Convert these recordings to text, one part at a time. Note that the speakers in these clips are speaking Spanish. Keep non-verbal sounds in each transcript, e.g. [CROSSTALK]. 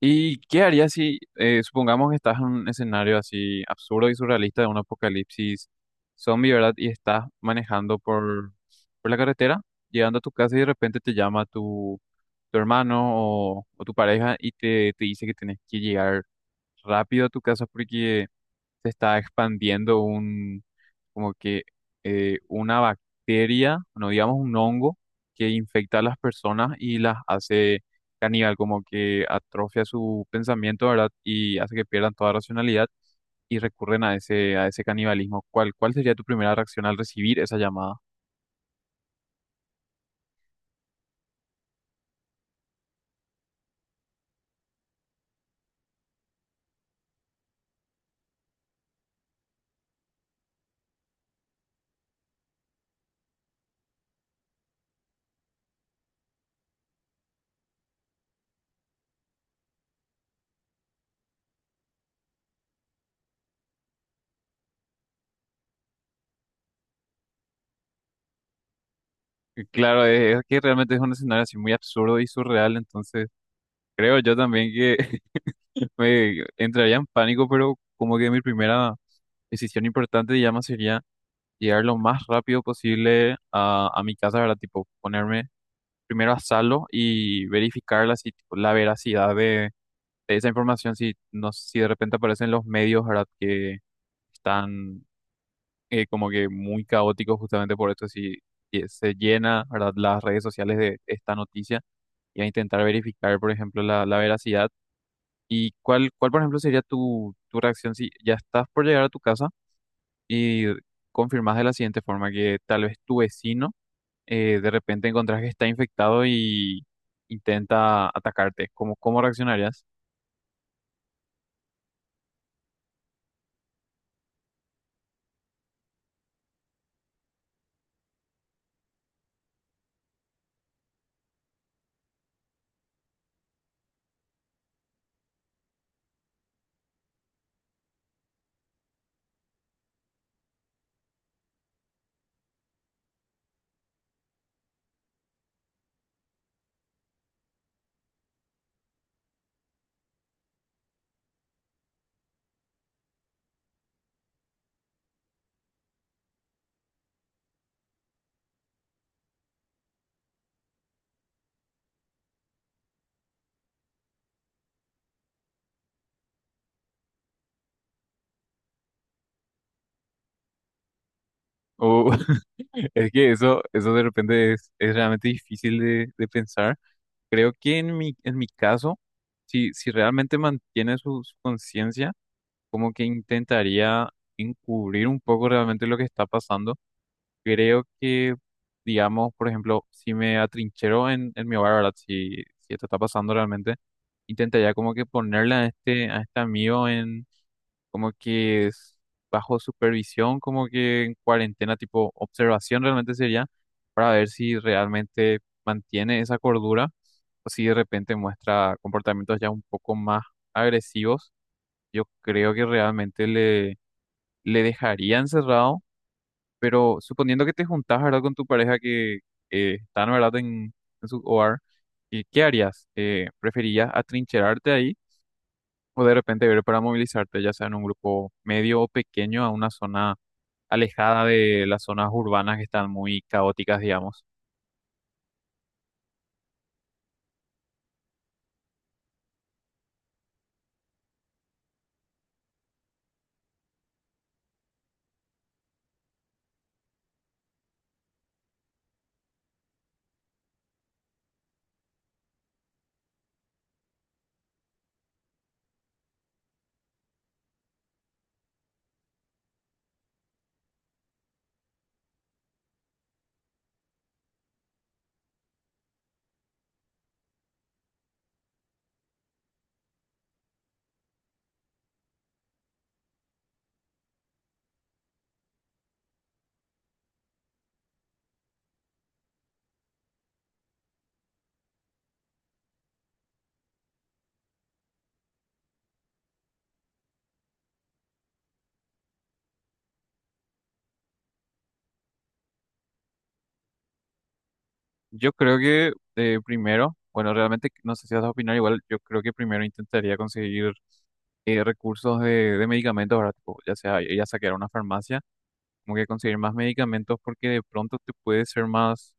¿Y qué harías si, supongamos que estás en un escenario así absurdo y surrealista de un apocalipsis zombie, verdad? Y estás manejando por la carretera, llegando a tu casa y de repente te llama tu hermano o tu pareja y te dice que tienes que llegar rápido a tu casa porque se está expandiendo un, como que una bacteria, no digamos un hongo, que infecta a las personas y las hace caníbal, como que atrofia su pensamiento, ¿verdad? Y hace que pierdan toda racionalidad y recurren a a ese canibalismo. ¿Cuál, cuál sería tu primera reacción al recibir esa llamada? Y claro, es que realmente es un escenario así muy absurdo y surreal, entonces creo yo también que [LAUGHS] me entraría en pánico, pero como que mi primera decisión importante, digamos, sería llegar lo más rápido posible a mi casa, ¿verdad? Tipo, ponerme primero a salvo y verificar la, si- tipo, la veracidad de esa información, si, no, si de repente aparecen los medios, ¿verdad? Que están como que muy caóticos justamente por esto, si se llena, ¿verdad? Las redes sociales de esta noticia y a intentar verificar, por ejemplo, la veracidad. ¿Y cuál, cuál, por ejemplo, sería tu reacción si ya estás por llegar a tu casa y confirmas de la siguiente forma que tal vez tu vecino, de repente encontrás que está infectado y intenta atacarte? ¿Cómo, cómo reaccionarías? O [LAUGHS] es que eso de repente es realmente difícil de pensar. Creo que en en mi caso, si realmente mantiene su conciencia, como que intentaría encubrir un poco realmente lo que está pasando. Creo que, digamos, por ejemplo, si me atrinchero en mi hogar, ¿verdad? Si esto está pasando realmente intentaría como que ponerle a a este amigo en, como que es bajo supervisión, como que en cuarentena, tipo observación realmente sería, para ver si realmente mantiene esa cordura o si de repente muestra comportamientos ya un poco más agresivos. Yo creo que realmente le dejaría encerrado, pero suponiendo que te juntás, ¿verdad?, con tu pareja que están, ¿verdad?, en su hogar, ¿y qué harías? ¿Preferirías atrincherarte ahí? O de repente ver para movilizarte, ya sea en un grupo medio o pequeño, a una zona alejada de las zonas urbanas que están muy caóticas, digamos. Yo creo que primero, bueno, realmente no sé si vas a opinar igual. Yo creo que primero intentaría conseguir recursos de medicamentos, ¿verdad? Tipo, ya sea ir a saquear una farmacia, como que conseguir más medicamentos, porque de pronto te puede ser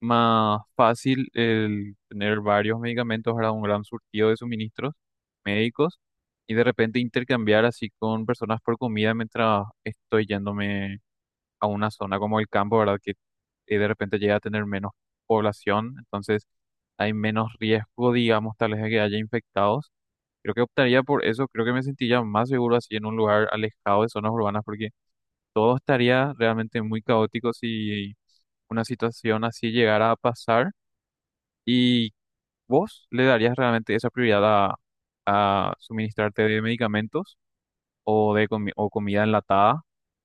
más fácil el tener varios medicamentos para un gran surtido de suministros médicos y de repente intercambiar así con personas por comida mientras estoy yéndome a una zona como el campo, ¿verdad? Que de repente llega a tener menos población, entonces hay menos riesgo, digamos, tal vez de que haya infectados. Creo que optaría por eso, creo que me sentiría más seguro así en un lugar alejado de zonas urbanas porque todo estaría realmente muy caótico si una situación así llegara a pasar. ¿Y vos le darías realmente esa prioridad a suministrarte de medicamentos o comida enlatada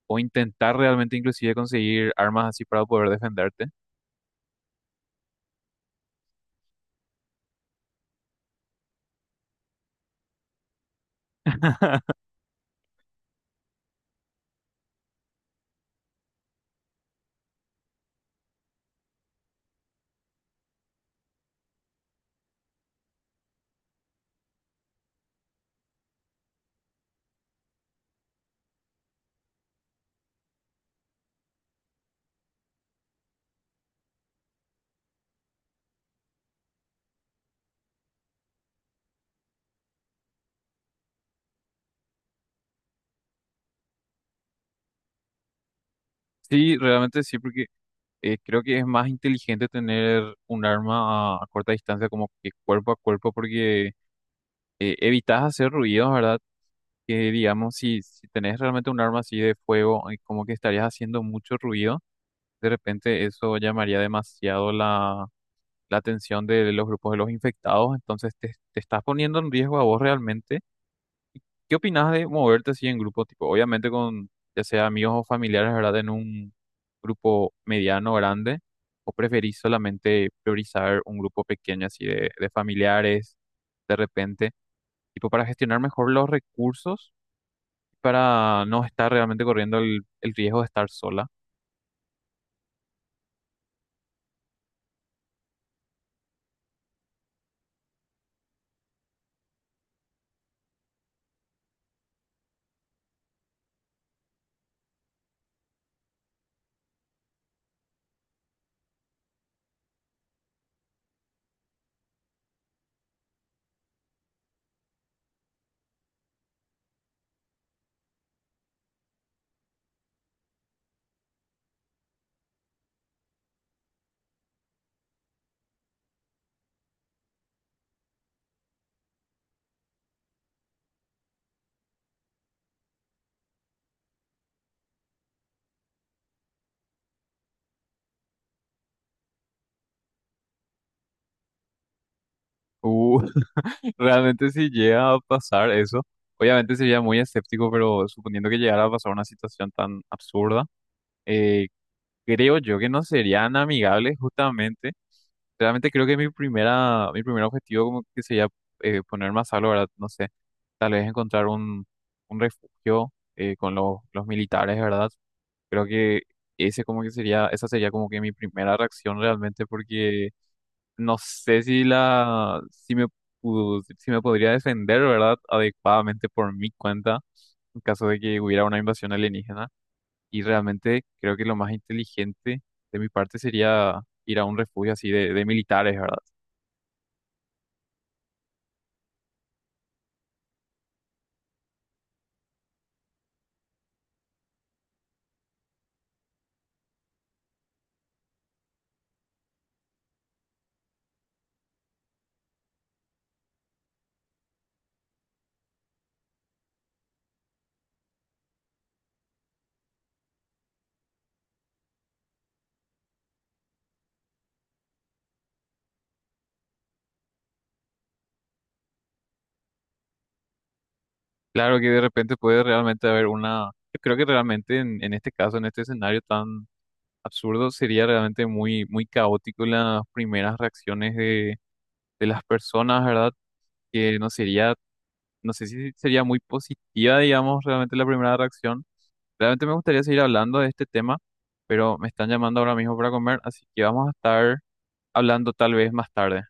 o intentar realmente inclusive conseguir armas así para poder defenderte? Sí, realmente sí, porque creo que es más inteligente tener un arma a corta distancia, como que cuerpo a cuerpo, porque evitas hacer ruidos, ¿verdad? Que digamos, si tenés realmente un arma así de fuego, como que estarías haciendo mucho ruido, de repente eso llamaría demasiado la atención de los grupos de los infectados, entonces te estás poniendo en riesgo a vos realmente. ¿Qué opinas de moverte así en grupo, tipo, obviamente con ya sea amigos o familiares, ¿verdad? En un grupo mediano, grande, o preferís solamente priorizar un grupo pequeño así de familiares, de repente, tipo para gestionar mejor los recursos, para no estar realmente corriendo el riesgo de estar sola? Uh. Realmente si llega a pasar eso, obviamente sería muy escéptico, pero suponiendo que llegara a pasar una situación tan absurda, eh, creo yo que no serían amigables justamente. Realmente creo que mi primer objetivo como que sería, poner más salvo, ¿verdad? No sé, tal vez encontrar un refugio con los militares, ¿verdad? Creo que ese como que sería, esa sería como que mi primera reacción realmente porque no sé si la, si me pudo- si me podría defender, ¿verdad? Adecuadamente por mi cuenta, en caso de que hubiera una invasión alienígena. Y realmente creo que lo más inteligente de mi parte sería ir a un refugio así de militares, ¿verdad? Claro que de repente puede realmente haber yo creo que realmente en este caso, en este escenario tan absurdo, sería realmente muy, muy caótico las primeras reacciones de las personas, ¿verdad? Que no sería, no sé si sería muy positiva, digamos, realmente la primera reacción. Realmente me gustaría seguir hablando de este tema, pero me están llamando ahora mismo para comer, así que vamos a estar hablando tal vez más tarde.